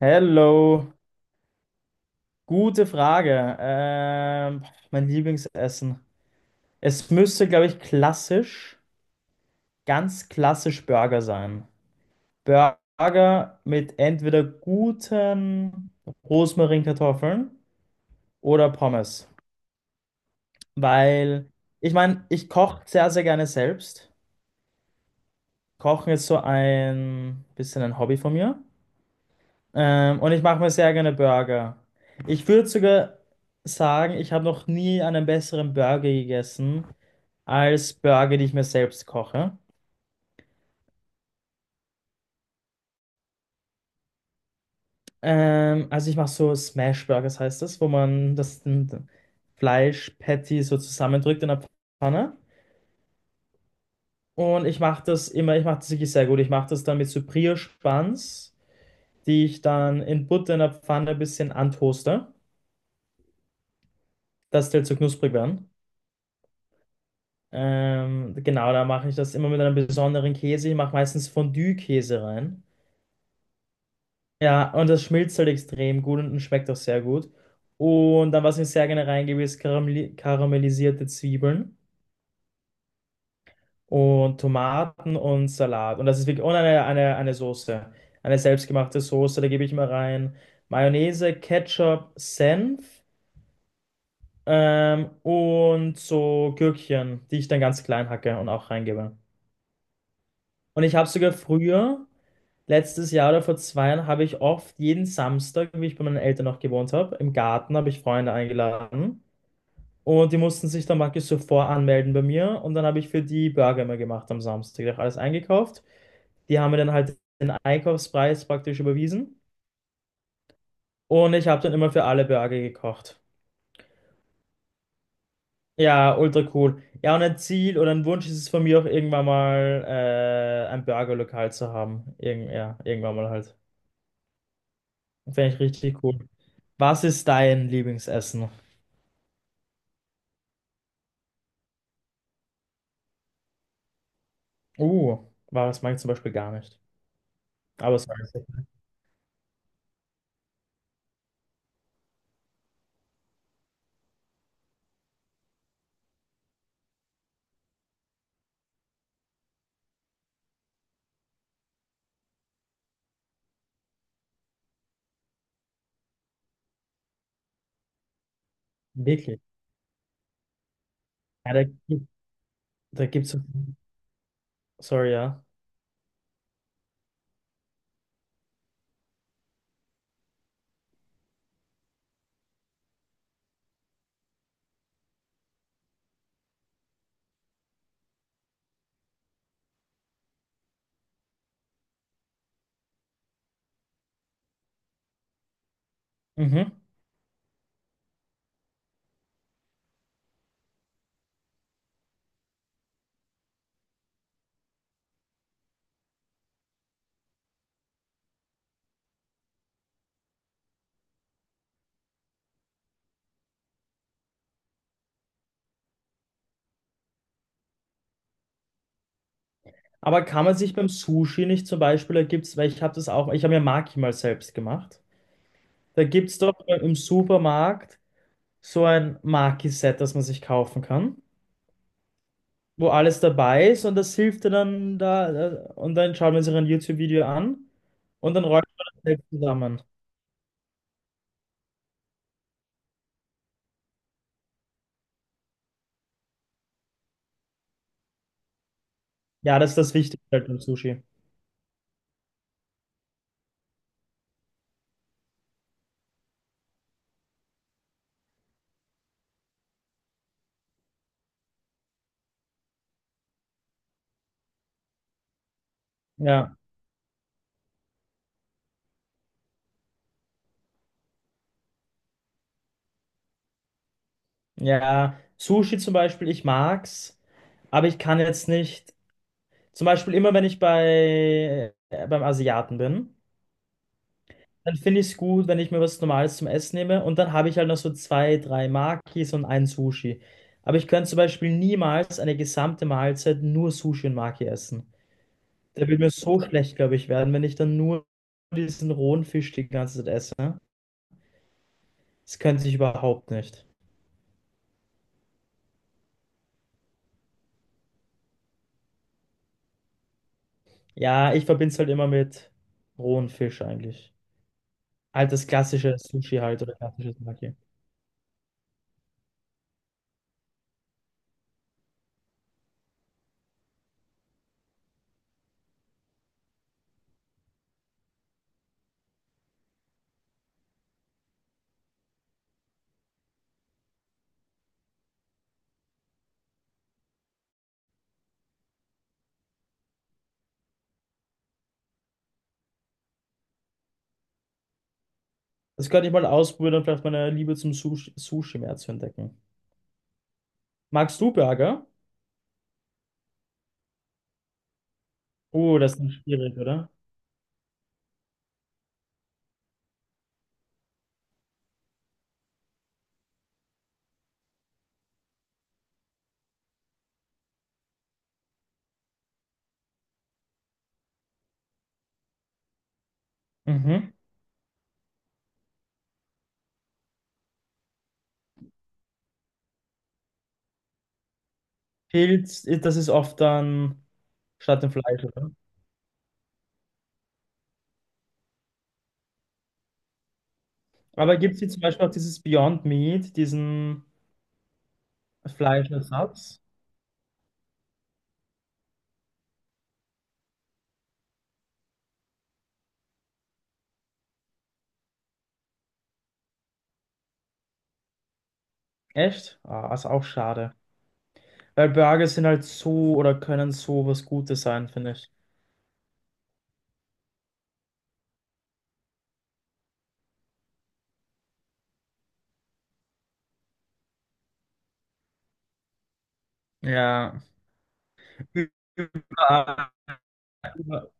Hello, gute Frage. Mein Lieblingsessen. Es müsste, glaube ich, klassisch, ganz klassisch Burger sein. Burger mit entweder guten Rosmarinkartoffeln oder Pommes. Weil, ich meine, ich koche sehr, sehr gerne selbst. Kochen ist so ein bisschen ein Hobby von mir. Und ich mache mir sehr gerne Burger. Ich würde sogar sagen, ich habe noch nie einen besseren Burger gegessen als Burger, die ich mir selbst koche. Also ich mache so Smash Burgers heißt das, wo man das Fleisch-Patty so zusammendrückt in der Pfanne. Und ich mache das immer, ich mache das wirklich sehr gut. Ich mache das dann mit so Brioche-Buns, die ich dann in Butter in der Pfanne ein bisschen antoaste, dass die halt so knusprig werden. Genau, da mache ich das immer mit einem besonderen Käse. Ich mache meistens Fondue-Käse rein. Ja, und das schmilzt halt extrem gut und schmeckt auch sehr gut. Und dann, was ich sehr gerne reingebe, ist karamellisierte Zwiebeln und Tomaten und Salat. Und eine Soße, eine selbstgemachte Soße, da gebe ich mal rein Mayonnaise, Ketchup, Senf, und so Gürkchen, die ich dann ganz klein hacke und auch reingebe. Und ich habe sogar früher. Letztes Jahr oder vor 2 Jahren habe ich oft jeden Samstag, wie ich bei meinen Eltern noch gewohnt habe, im Garten habe ich Freunde eingeladen, und die mussten sich dann praktisch zuvor anmelden bei mir und dann habe ich für die Burger immer gemacht am Samstag. Ich habe alles eingekauft. Die haben mir dann halt den Einkaufspreis praktisch überwiesen und ich habe dann immer für alle Burger gekocht. Ja, ultra cool. Ja, und ein Ziel oder ein Wunsch ist es von mir auch irgendwann mal ein Burgerlokal zu haben. Ja, irgendwann mal halt. Fände ich richtig cool. Was ist dein Lieblingsessen? War das Mag ich zum Beispiel gar nicht. Aber es war wirklich. Ja, da gibt es. Sorry, ja. Mhm. Aber kann man sich beim Sushi nicht zum Beispiel, da gibt's, weil ich habe das auch, ich habe mir Maki mal selbst gemacht. Da gibt es doch im Supermarkt so ein Maki-Set, das man sich kaufen kann, wo alles dabei ist und das hilft dir dann da, und dann schaut man sich ein YouTube-Video an und dann rollt man das selbst zusammen. Ja, das ist das Wichtigste halt beim Sushi. Ja. Ja, Sushi zum Beispiel, ich mag's, aber ich kann jetzt nicht. Zum Beispiel immer, wenn ich beim Asiaten bin, dann finde ich es gut, wenn ich mir was Normales zum Essen nehme und dann habe ich halt noch so zwei, drei Makis und ein Sushi. Aber ich könnte zum Beispiel niemals eine gesamte Mahlzeit nur Sushi und Maki essen. Da wird mir so schlecht, glaube ich, werden, wenn ich dann nur diesen rohen Fisch die ganze Zeit esse. Das könnte ich überhaupt nicht. Ja, ich verbinde es halt immer mit rohen Fisch eigentlich. Halt das klassische Sushi halt oder klassisches Maki. Das könnte ich mal ausprobieren, um vielleicht meine Liebe zum Sushi mehr zu entdecken. Magst du Burger? Oh, das ist schwierig, oder? Mhm. Pilz, das ist oft dann statt dem Fleisch, oder? Aber gibt es hier zum Beispiel auch dieses Beyond Meat, diesen Fleischersatz? Echt? Ah, ist auch schade. Weil Burger sind halt so oder können so was Gutes sein, finde ich. Ja. Über, über,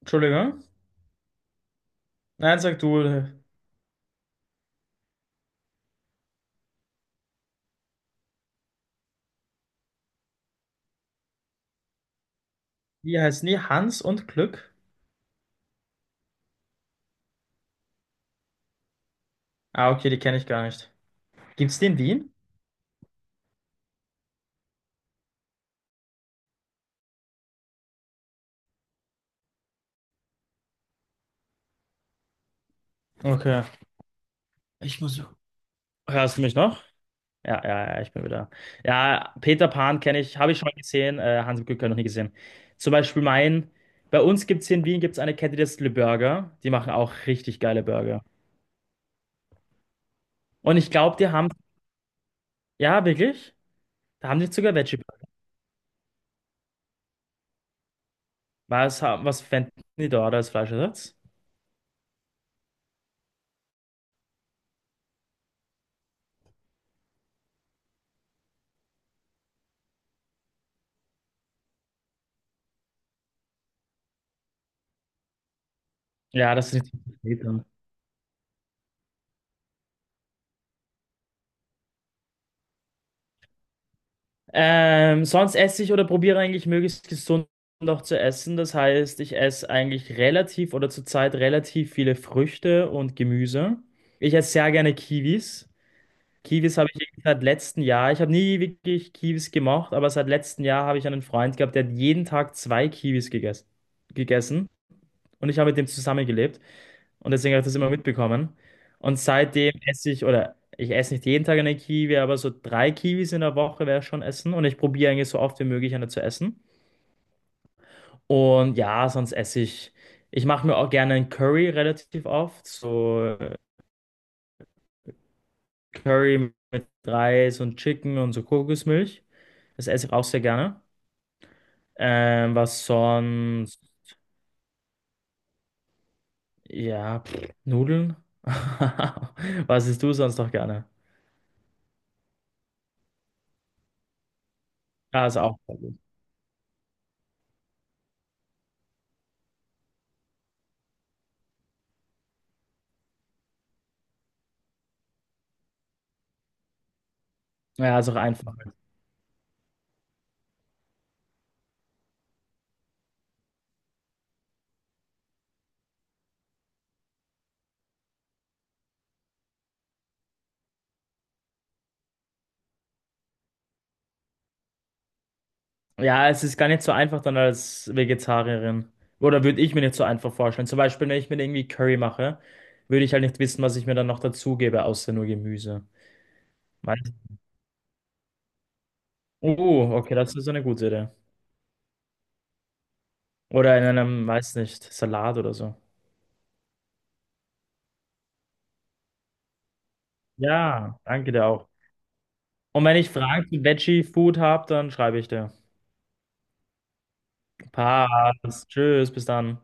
Entschuldigung. Nein, sag du. Wie heißen die? Hans und Glück? Ah, okay, die kenne ich gar nicht. Gibt's die in Wien? Okay. Ich muss. Hörst du mich noch? Ja, ja, ja, ich bin wieder. Ja, Peter Pan kenne ich, habe ich schon mal gesehen. Hans und Glück habe ich noch nie gesehen. Zum Beispiel mein. Bei uns gibt es hier in Wien gibt's eine Kette, die heißt Le Burger. Die machen auch richtig geile Burger. Und ich glaube, die haben. Ja, wirklich? Da haben die sogar Veggie Burger. Was fänden die da als Fleischersatz? Ja, das ist nicht so. Sonst esse ich oder probiere eigentlich möglichst gesund noch zu essen. Das heißt, ich esse eigentlich relativ oder zurzeit relativ viele Früchte und Gemüse. Ich esse sehr gerne Kiwis. Kiwis habe ich irgendwie seit letztem Jahr. Ich habe nie wirklich Kiwis gemocht, aber seit letztem Jahr habe ich einen Freund gehabt, der hat jeden Tag zwei Kiwis gegessen, gegessen und ich habe mit dem zusammengelebt. Und deswegen habe ich das immer mitbekommen. Und seitdem esse ich, oder ich esse nicht jeden Tag eine Kiwi, aber so drei Kiwis in der Woche wäre schon essen. Und ich probiere eigentlich so oft wie möglich eine zu essen. Und ja, sonst esse ich. Ich mache mir auch gerne einen Curry relativ oft. So Curry mit Reis und Chicken und so Kokosmilch. Das esse ich auch sehr gerne. Was sonst? Ja, pff, Nudeln. Was isst du sonst noch gerne? Ja, ist auch sehr gut. Ja, ist auch einfach. Ja, es ist gar nicht so einfach dann als Vegetarierin. Oder würde ich mir nicht so einfach vorstellen. Zum Beispiel, wenn ich mir irgendwie Curry mache, würde ich halt nicht wissen, was ich mir dann noch dazugebe, außer nur Gemüse. Weißt- Oh, okay, das ist so eine gute Idee. Oder in einem, weiß nicht, Salat oder so. Ja, danke dir auch. Und wenn ich Fragen zu Veggie Food habe, dann schreibe ich dir. Passt. Tschüss, bis dann.